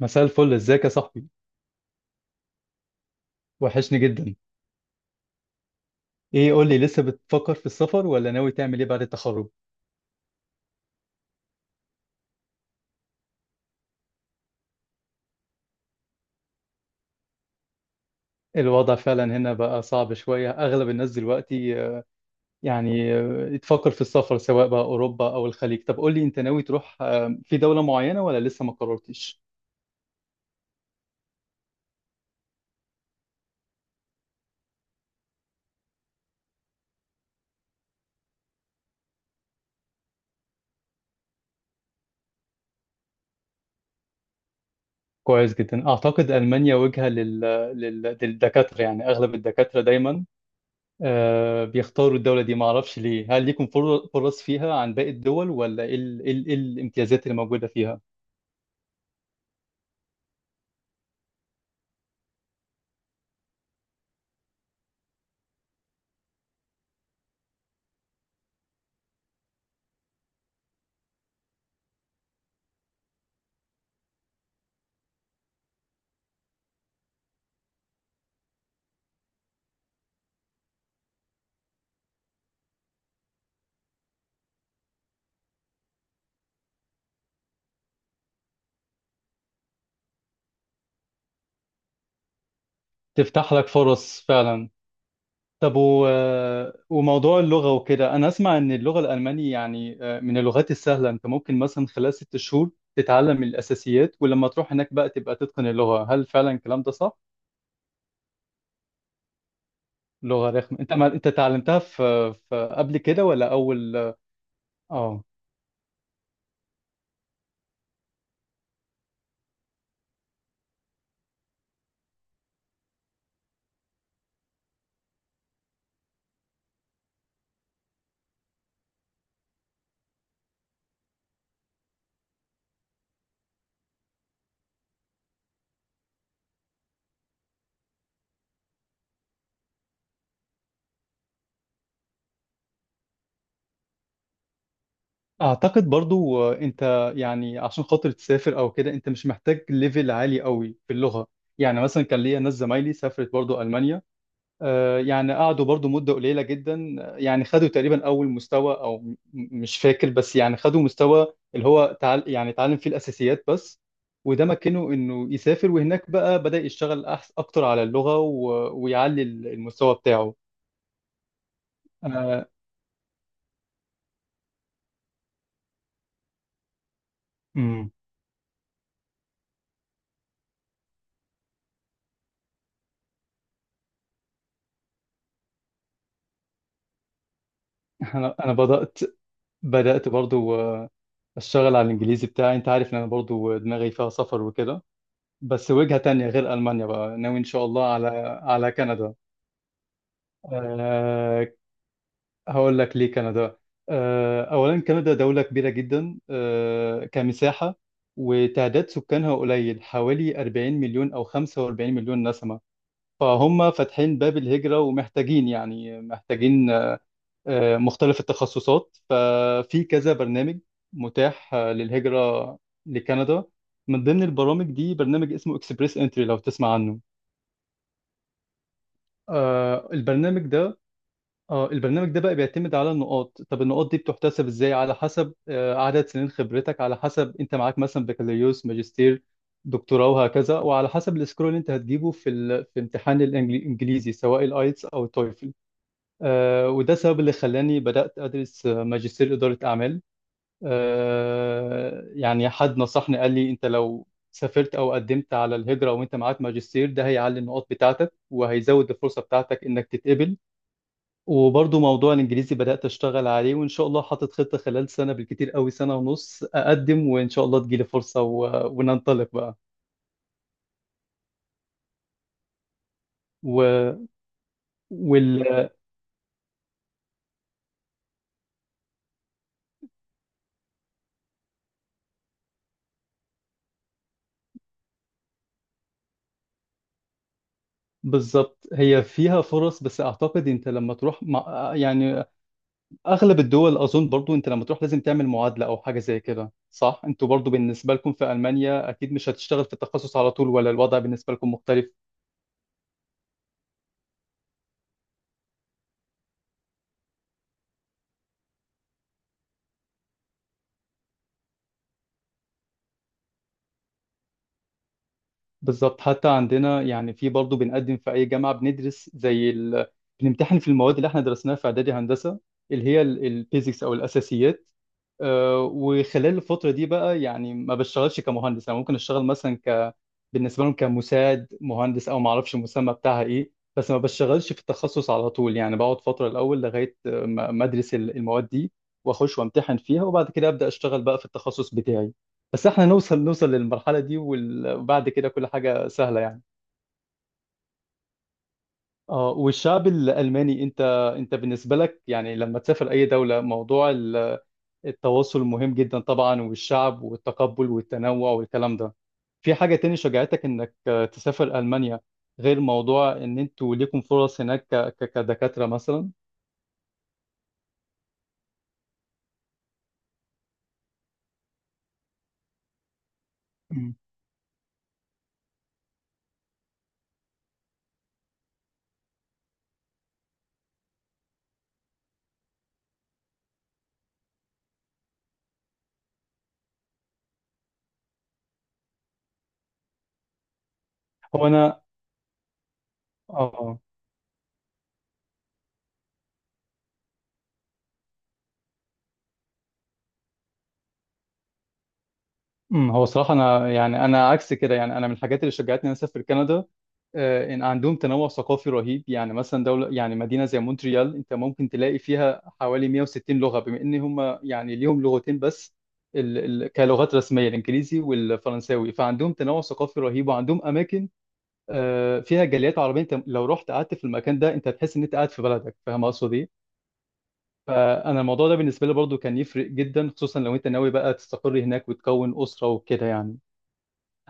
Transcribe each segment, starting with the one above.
مساء الفل، ازيك يا صاحبي؟ وحشني جدا. ايه، قول لي، لسه بتفكر في السفر ولا ناوي تعمل ايه بعد التخرج؟ الوضع فعلا هنا بقى صعب شوية. اغلب الناس دلوقتي يعني تفكر في السفر سواء بقى اوروبا او الخليج. طب قول لي، انت ناوي تروح في دولة معينة ولا لسه ما قررتش؟ كويس جدا. اعتقد المانيا وجهة للدكاترة، يعني اغلب الدكاترة دايما بيختاروا الدولة دي. ما اعرفش ليه، هل ليكم فرص فيها عن باقي الدول، ولا ايه إيه الامتيازات اللي موجودة فيها؟ تفتح لك فرص فعلا. طب و... آه، وموضوع اللغة وكده. أنا أسمع إن اللغة الألمانية يعني من اللغات السهلة، أنت ممكن مثلا خلال 6 شهور تتعلم الأساسيات، ولما تروح هناك بقى تبقى تتقن اللغة. هل فعلا الكلام ده صح؟ لغة رخمة! أنت ما... أنت اتعلمتها في قبل كده ولا أول؟ آه أعتقد برضو، أنت يعني عشان خاطر تسافر أو كده أنت مش محتاج ليفل عالي قوي في اللغة. يعني مثلا كان ليا ناس زمايلي سافرت برضو ألمانيا، يعني قعدوا برضو مدة قليلة جدا، يعني خدوا تقريبا أول مستوى أو مش فاكر، بس يعني خدوا مستوى اللي هو تعال يعني اتعلم فيه الأساسيات بس. وده مكنه إنه يسافر، وهناك بقى بدأ يشتغل، أحس أكتر على اللغة و... ويعلي المستوى بتاعه. أنا مم. أنا أنا بدأت برضو أشتغل على الإنجليزي بتاعي. أنت عارف إن أنا برضو دماغي فيها سفر وكده. بس وجهة تانية غير ألمانيا، بقى ناوي إن شاء الله على كندا. آه، هقول لك ليه كندا. أولا كندا دولة كبيرة جدا كمساحة، وتعداد سكانها قليل، حوالي 40 مليون أو 45 مليون نسمة. فهم فاتحين باب الهجرة، ومحتاجين، يعني محتاجين مختلف التخصصات. ففي كذا برنامج متاح للهجرة لكندا. من ضمن البرامج دي برنامج اسمه اكسبريس انتري، لو تسمع عنه. آه، البرنامج ده اه البرنامج ده بقى بيعتمد على النقاط. طب النقاط دي بتحتسب ازاي؟ على حسب عدد سنين خبرتك، على حسب انت معاك مثلا بكالوريوس، ماجستير، دكتوراه وهكذا، وعلى حسب السكور اللي انت هتجيبه في امتحان الانجليزي، سواء الايتس او التويفل. وده السبب اللي خلاني بدأت ادرس ماجستير إدارة اعمال. يعني حد نصحني، قال لي انت لو سافرت او قدمت على الهجرة وانت معاك ماجستير، ده هيعلي النقاط بتاعتك وهيزود الفرصة بتاعتك انك تتقبل. وبرضو موضوع الانجليزي بدأت اشتغل عليه، وان شاء الله حاطط خطة خلال سنة، بالكتير قوي سنة ونص، اقدم وان شاء الله تجيلي فرصة و... وننطلق بقى. و... وال... بالظبط، هي فيها فرص. بس اعتقد انت لما تروح يعني اغلب الدول، اظن برضو انت لما تروح لازم تعمل معادلة او حاجة زي كده، صح؟ انتوا برضو بالنسبة لكم في المانيا اكيد مش هتشتغل في التخصص على طول، ولا الوضع بالنسبة لكم مختلف؟ بالظبط، حتى عندنا يعني في برضه بنقدم في أي جامعة بندرس بنمتحن في المواد اللي احنا درسناها في إعدادي هندسة، اللي هي البيزكس أو الأساسيات. وخلال الفترة دي بقى يعني ما بشتغلش كمهندس، أنا ممكن أشتغل مثلا بالنسبه لهم كمساعد مهندس، او ما اعرفش المسمى بتاعها ايه، بس ما بشتغلش في التخصص على طول. يعني بقعد فتره الاول لغايه ما ادرس المواد دي، واخش وامتحن فيها، وبعد كده ابدا اشتغل بقى في التخصص بتاعي. بس احنا نوصل للمرحله دي، وال- وبعد كده كل حاجه سهله يعني. اه، والشعب الالماني، انت بالنسبه لك يعني لما تسافر اي دوله، موضوع التواصل مهم جدا طبعا، والشعب والتقبل والتنوع والكلام ده. في حاجة تاني شجعتك انك تسافر ألمانيا، غير موضوع ان انتوا ليكم فرص هناك كدكاترة مثلا؟ مم. هو انا اه آه. هو صراحة، أنا يعني أنا عكس كده. يعني أنا من الحاجات اللي شجعتني إن أنا أسافر كندا، إن عندهم تنوع ثقافي رهيب. يعني مثلا دولة يعني مدينة زي مونتريال، أنت ممكن تلاقي فيها حوالي 160 لغة، بما إن هم يعني ليهم لغتين بس ال ال كلغات رسمية، الإنجليزي والفرنساوي. فعندهم تنوع ثقافي رهيب، وعندهم أماكن فيها جاليات عربية. أنت لو رحت قعدت في المكان ده، أنت هتحس إن أنت قاعد في بلدك. فاهم أقصد إيه؟ فأنا الموضوع ده بالنسبة لي برضو كان يفرق جدا، خصوصا لو أنت ناوي بقى تستقر هناك وتكون أسرة وكده يعني.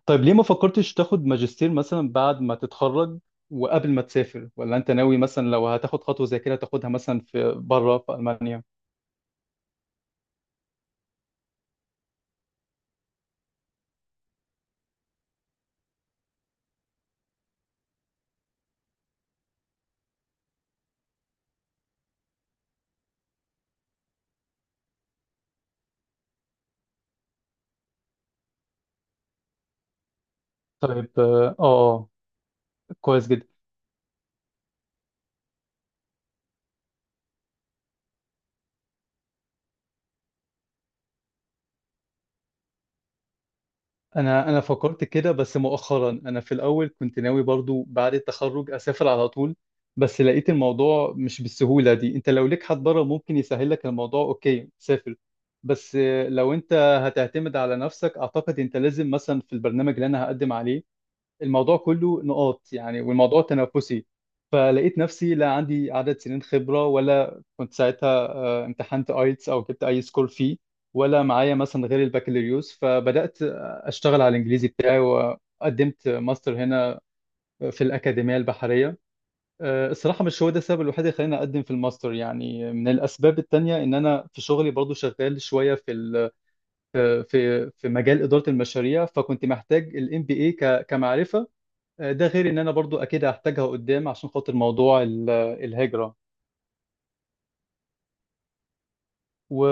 طيب، ليه ما فكرتش تاخد ماجستير مثلا بعد ما تتخرج وقبل ما تسافر، ولا انت ناوي مثلا لو هتاخد خطوة زي كده تاخدها مثلا في بره في ألمانيا؟ طيب، اه. كويس جدا. انا فكرت كده بس مؤخرا، انا في الاول كنت ناوي برضو بعد التخرج اسافر على طول. بس لقيت الموضوع مش بالسهولة دي. انت لو ليك حد بره ممكن يسهل لك الموضوع، اوكي، سافر. بس لو انت هتعتمد على نفسك، اعتقد انت لازم مثلا في البرنامج اللي انا هقدم عليه، الموضوع كله نقاط يعني، والموضوع تنافسي. فلقيت نفسي لا عندي عدد سنين خبرة، ولا كنت ساعتها امتحنت ايتس او جبت اي سكور فيه، ولا معايا مثلا غير البكالوريوس. فبدأت اشتغل على الانجليزي بتاعي، وقدمت ماستر هنا في الأكاديمية البحرية. الصراحة مش هو ده السبب الوحيد اللي خلاني أقدم في الماستر. يعني من الأسباب التانية إن أنا في شغلي برضو شغال شوية في في مجال إدارة المشاريع، فكنت محتاج ال MBA كمعرفة. ده غير ان انا برضو اكيد هحتاجها قدام عشان خاطر موضوع الهجرة و...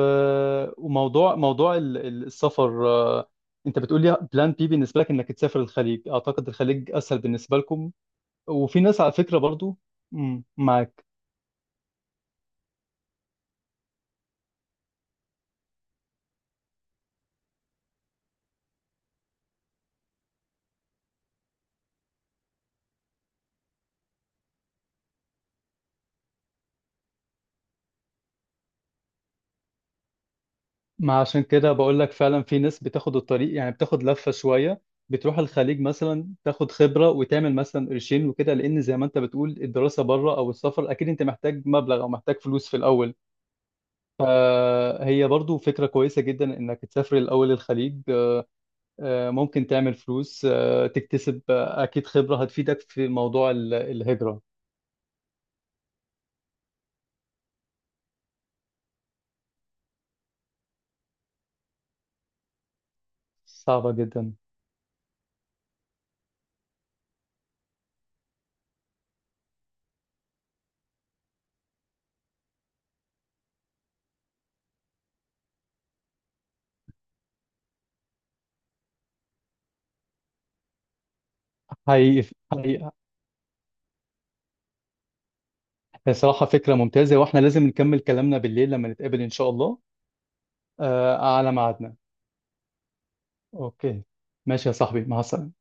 وموضوع السفر. انت بتقول لي بلان بي بالنسبة لك انك تسافر الخليج. اعتقد الخليج اسهل بالنسبة لكم، وفي ناس على فكرة برضو. مم، معاك. ما عشان كده بقول لك، فعلا في ناس بتاخد الطريق يعني بتاخد لفة شوية، بتروح الخليج مثلا، تاخد خبرة وتعمل مثلا قرشين وكده، لان زي ما انت بتقول الدراسة بره او السفر اكيد انت محتاج مبلغ او محتاج فلوس في الاول. فهي برضو فكرة كويسة جدا إنك تسافر الأول الخليج. ممكن تعمل فلوس، تكتسب أكيد خبرة هتفيدك في موضوع الهجرة. صعبة جدا. حقيقي حقيقي، هي صراحة فكرة ممتازة، وإحنا لازم نكمل كلامنا بالليل لما نتقابل إن شاء الله. على ميعادنا. أوكي. ماشي يا صاحبي، مع السلامة.